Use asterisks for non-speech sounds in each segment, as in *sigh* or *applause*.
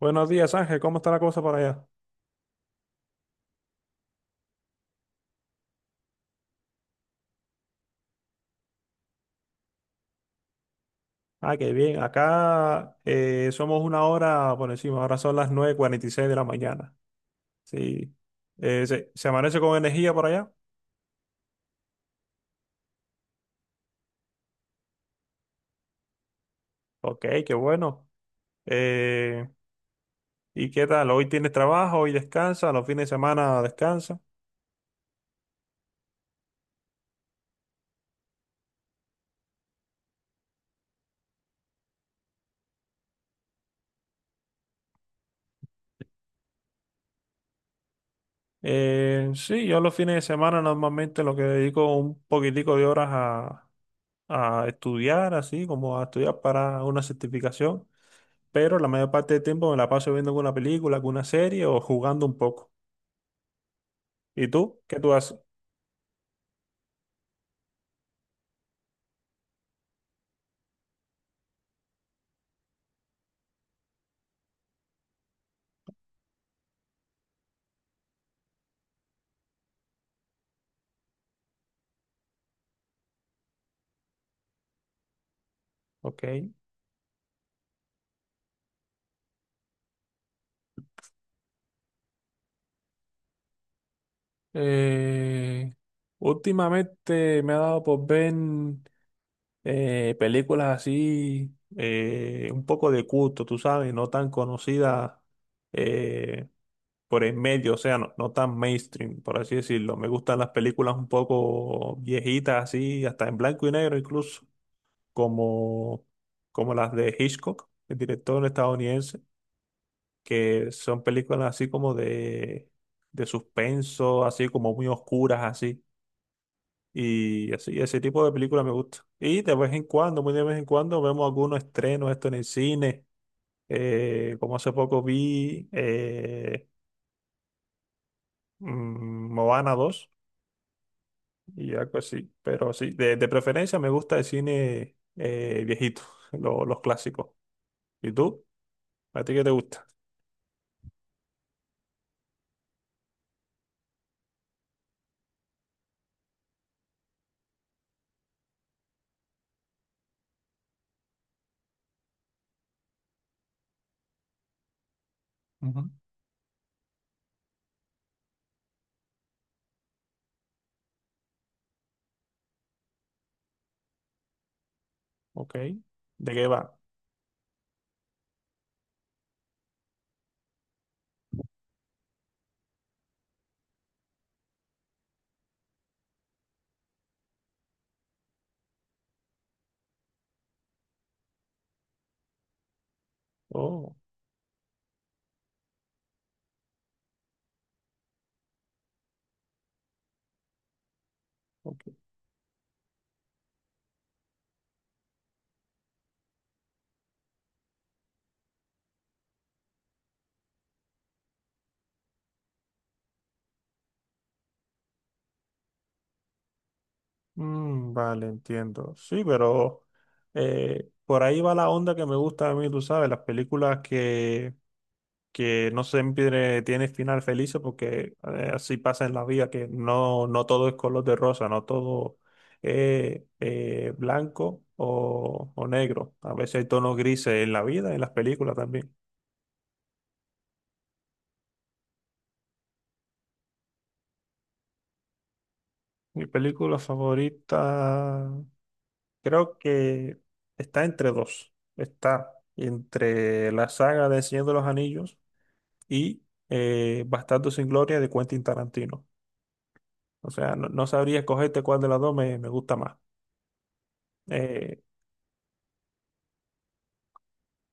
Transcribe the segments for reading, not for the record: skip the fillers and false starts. Buenos días, Ángel. ¿Cómo está la cosa por allá? Ah, qué bien. Acá somos una hora por encima. Ahora son las 9:46 de la mañana. Sí. ¿Se amanece con energía por allá? Ok, qué bueno. Eh, ¿Y qué tal? ¿Hoy tienes trabajo? ¿Hoy descansa? ¿Los fines de semana descansa? Sí, yo los fines de semana normalmente lo que dedico un poquitico de horas a estudiar, así como a estudiar para una certificación. Pero la mayor parte del tiempo me la paso viendo alguna película, alguna serie o jugando un poco. ¿Y tú? ¿Qué tú haces? Ok. Eh, Últimamente me ha dado por ver películas así, un poco de culto, tú sabes, no tan conocidas eh, por el medio, o sea, no, no tan mainstream, por así decirlo. Me gustan las películas un poco viejitas, así, hasta en blanco y negro incluso, como, como las de Hitchcock, el director estadounidense, que son películas así como de suspenso, así como muy oscuras, así. Y así, ese tipo de películas me gusta. Y de vez en cuando, muy de vez en cuando, vemos algunos estrenos, esto en el cine. Como hace poco vi Moana dos y algo así. Pero sí, de preferencia me gusta el cine viejito, *laughs* los clásicos. ¿Y tú? ¿A ti qué te gusta? Ujú. Ok. ¿De qué va? Oh, ok. Mm, vale, entiendo. Sí, pero por ahí va la onda que me gusta a mí, tú sabes, las películas que no siempre tienen final feliz porque así pasa en la vida, que no, no todo es color de rosa, no todo es blanco o negro. A veces hay tonos grises en la vida, en las películas también. Mi película favorita creo que está entre dos. Está entre la saga de Señor de los Anillos y Bastardo sin Gloria de Quentin Tarantino. O sea, no, no sabría escogerte cuál de las dos me, me gusta más. Eh,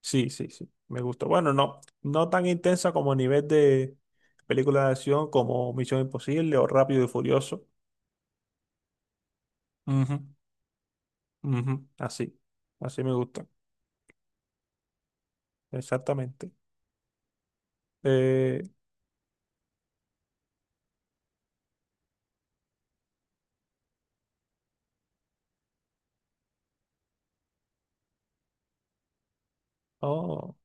sí, sí, sí, me gusta. Bueno, no, no tan intensa como a nivel de película de acción como Misión Imposible o Rápido y Furioso. Ujú, ujú, así, así me gusta, exactamente. Eh, oh,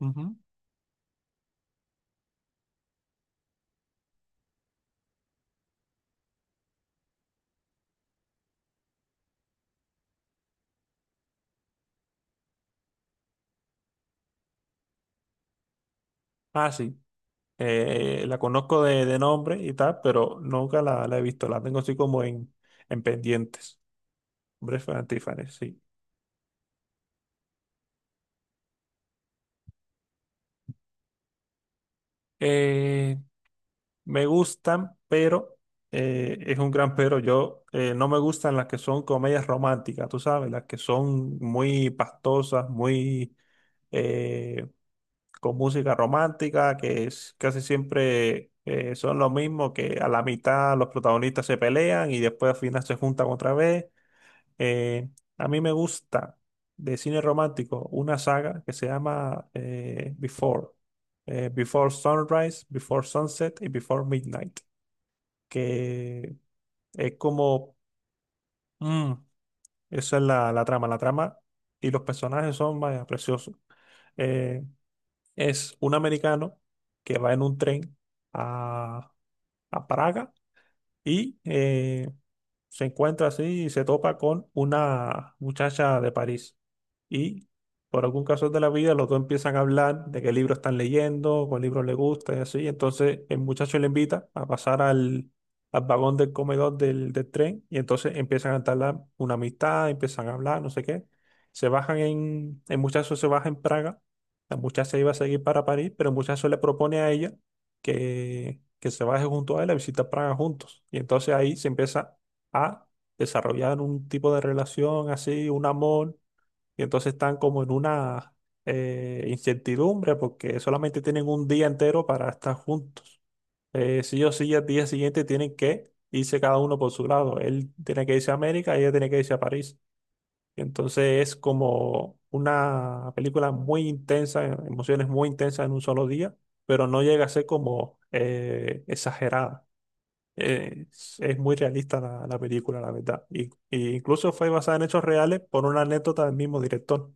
ujú. Ah, sí. La conozco de nombre y tal, pero nunca la, la he visto. La tengo así como en pendientes. Breath and Tiffany, sí. Eh, Me gustan, pero es un gran pero. Yo no me gustan las que son comedias románticas, tú sabes, las que son muy pastosas, muy eh, con música romántica, que es casi siempre, son lo mismo, que a la mitad los protagonistas se pelean y después al final se juntan otra vez. Eh, a mí me gusta de cine romántico una saga que se llama Before. Before Sunrise, Before Sunset y Before Midnight. Que es como... mm, esa es la, la trama. La trama y los personajes son, vaya, preciosos. Eh, es un americano que va en un tren a, a Praga y se encuentra así y se topa con una muchacha de París. Y por algún caso de la vida, los dos empiezan a hablar de qué libro están leyendo, cuál libro les gusta y así. Entonces el muchacho le invita a pasar al, al vagón del comedor del, del tren y entonces empiezan a entablar una amistad, empiezan a hablar, no sé qué. Se bajan en, el muchacho se baja en Praga, la muchacha iba a seguir para París, pero el muchacho le propone a ella que se baje junto a él a visitar Praga juntos. Y entonces ahí se empieza a desarrollar un tipo de relación así, un amor, y entonces están como en una incertidumbre porque solamente tienen un día entero para estar juntos. Sí o sí, al día siguiente tienen que irse cada uno por su lado. Él tiene que irse a América, ella tiene que irse a París. Entonces es como una película muy intensa, emociones muy intensas en un solo día, pero no llega a ser como exagerada. Es muy realista la, la película, la verdad. Y incluso fue basada en hechos reales por una anécdota del mismo director.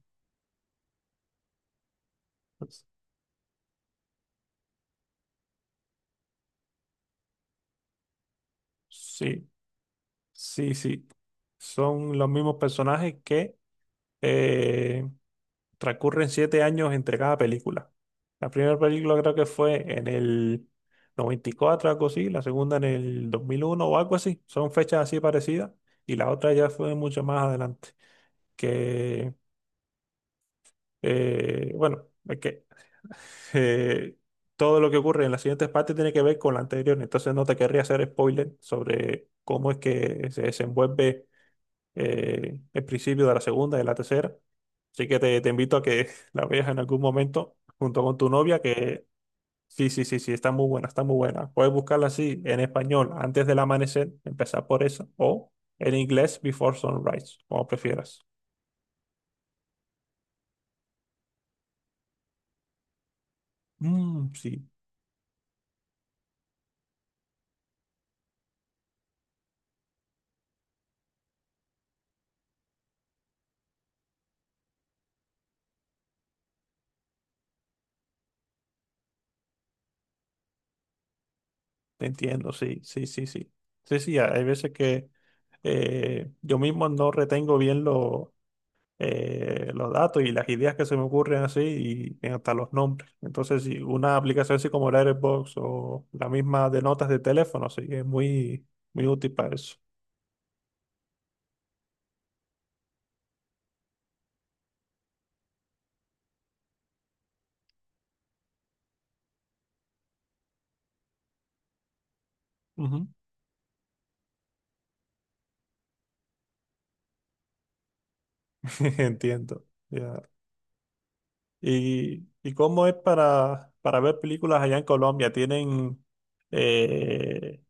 Sí, sí, sí. Son los mismos personajes que eh, transcurren siete años entre cada película. La primera película creo que fue en el 94, algo así, la segunda en el 2001 o algo así. Son fechas así parecidas y la otra ya fue mucho más adelante. Que, bueno, es que *laughs* eh, todo lo que ocurre en las siguientes partes tiene que ver con la anterior, entonces no te querría hacer spoiler sobre cómo es que se desenvuelve el principio de la segunda y de la tercera. Así que te invito a que *laughs* la veas en algún momento junto con tu novia, que sí, sí, sí, sí, está muy buena, está muy buena. Puedes buscarla así en español antes del amanecer, empezar por esa, o en inglés Before Sunrise, como prefieras. Mm, sí, te entiendo, sí, sí, sí, sí. Sí, sí, hay veces que yo mismo no retengo bien lo, los datos y las ideas que se me ocurren así y hasta los nombres. Entonces, si una aplicación así como la Airbox o la misma de notas de teléfono, sí, es muy, muy útil para eso. Ujú. *laughs* Entiendo. Ya. Y cómo es para ver películas allá en Colombia? ¿Tienen eh,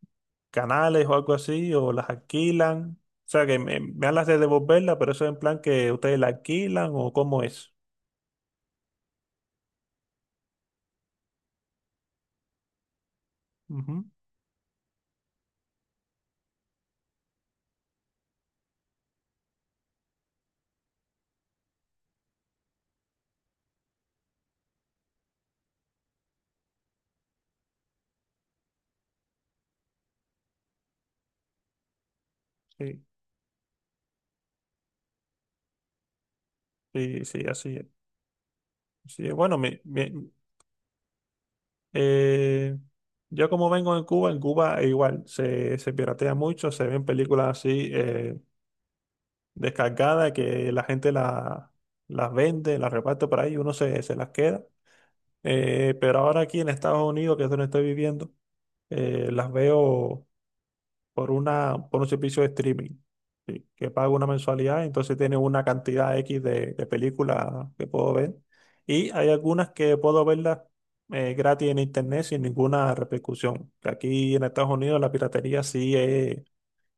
canales o algo así? ¿O las alquilan? O sea, que me hablas de devolverla, pero eso es en plan que ustedes la alquilan o cómo es. Ujú, sí, sí, sí, así es. Sí, bueno, eh, yo como vengo en Cuba igual se, se piratea mucho, se ven películas así descargadas que la gente las vende, las reparte por ahí y uno se, se las queda. Pero ahora aquí en Estados Unidos, que es donde estoy viviendo, las veo por una, por un servicio de streaming, ¿sí? Que pago una mensualidad, entonces tiene una cantidad X de películas que puedo ver. Y hay algunas que puedo verlas gratis en internet sin ninguna repercusión. Que aquí en Estados Unidos la piratería sí es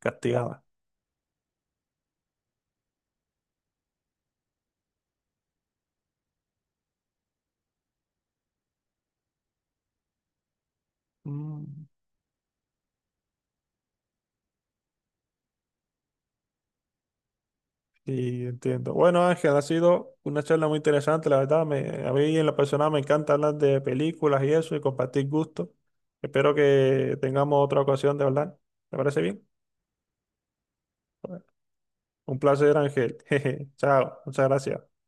castigada. Mm, sí, entiendo. Bueno, Ángel, ha sido una charla muy interesante, la verdad. Me, a mí en la persona me encanta hablar de películas y eso y compartir gustos. Espero que tengamos otra ocasión de hablar. ¿Te parece bien? Un placer, Ángel. *laughs* Jeje. Chao. Muchas gracias.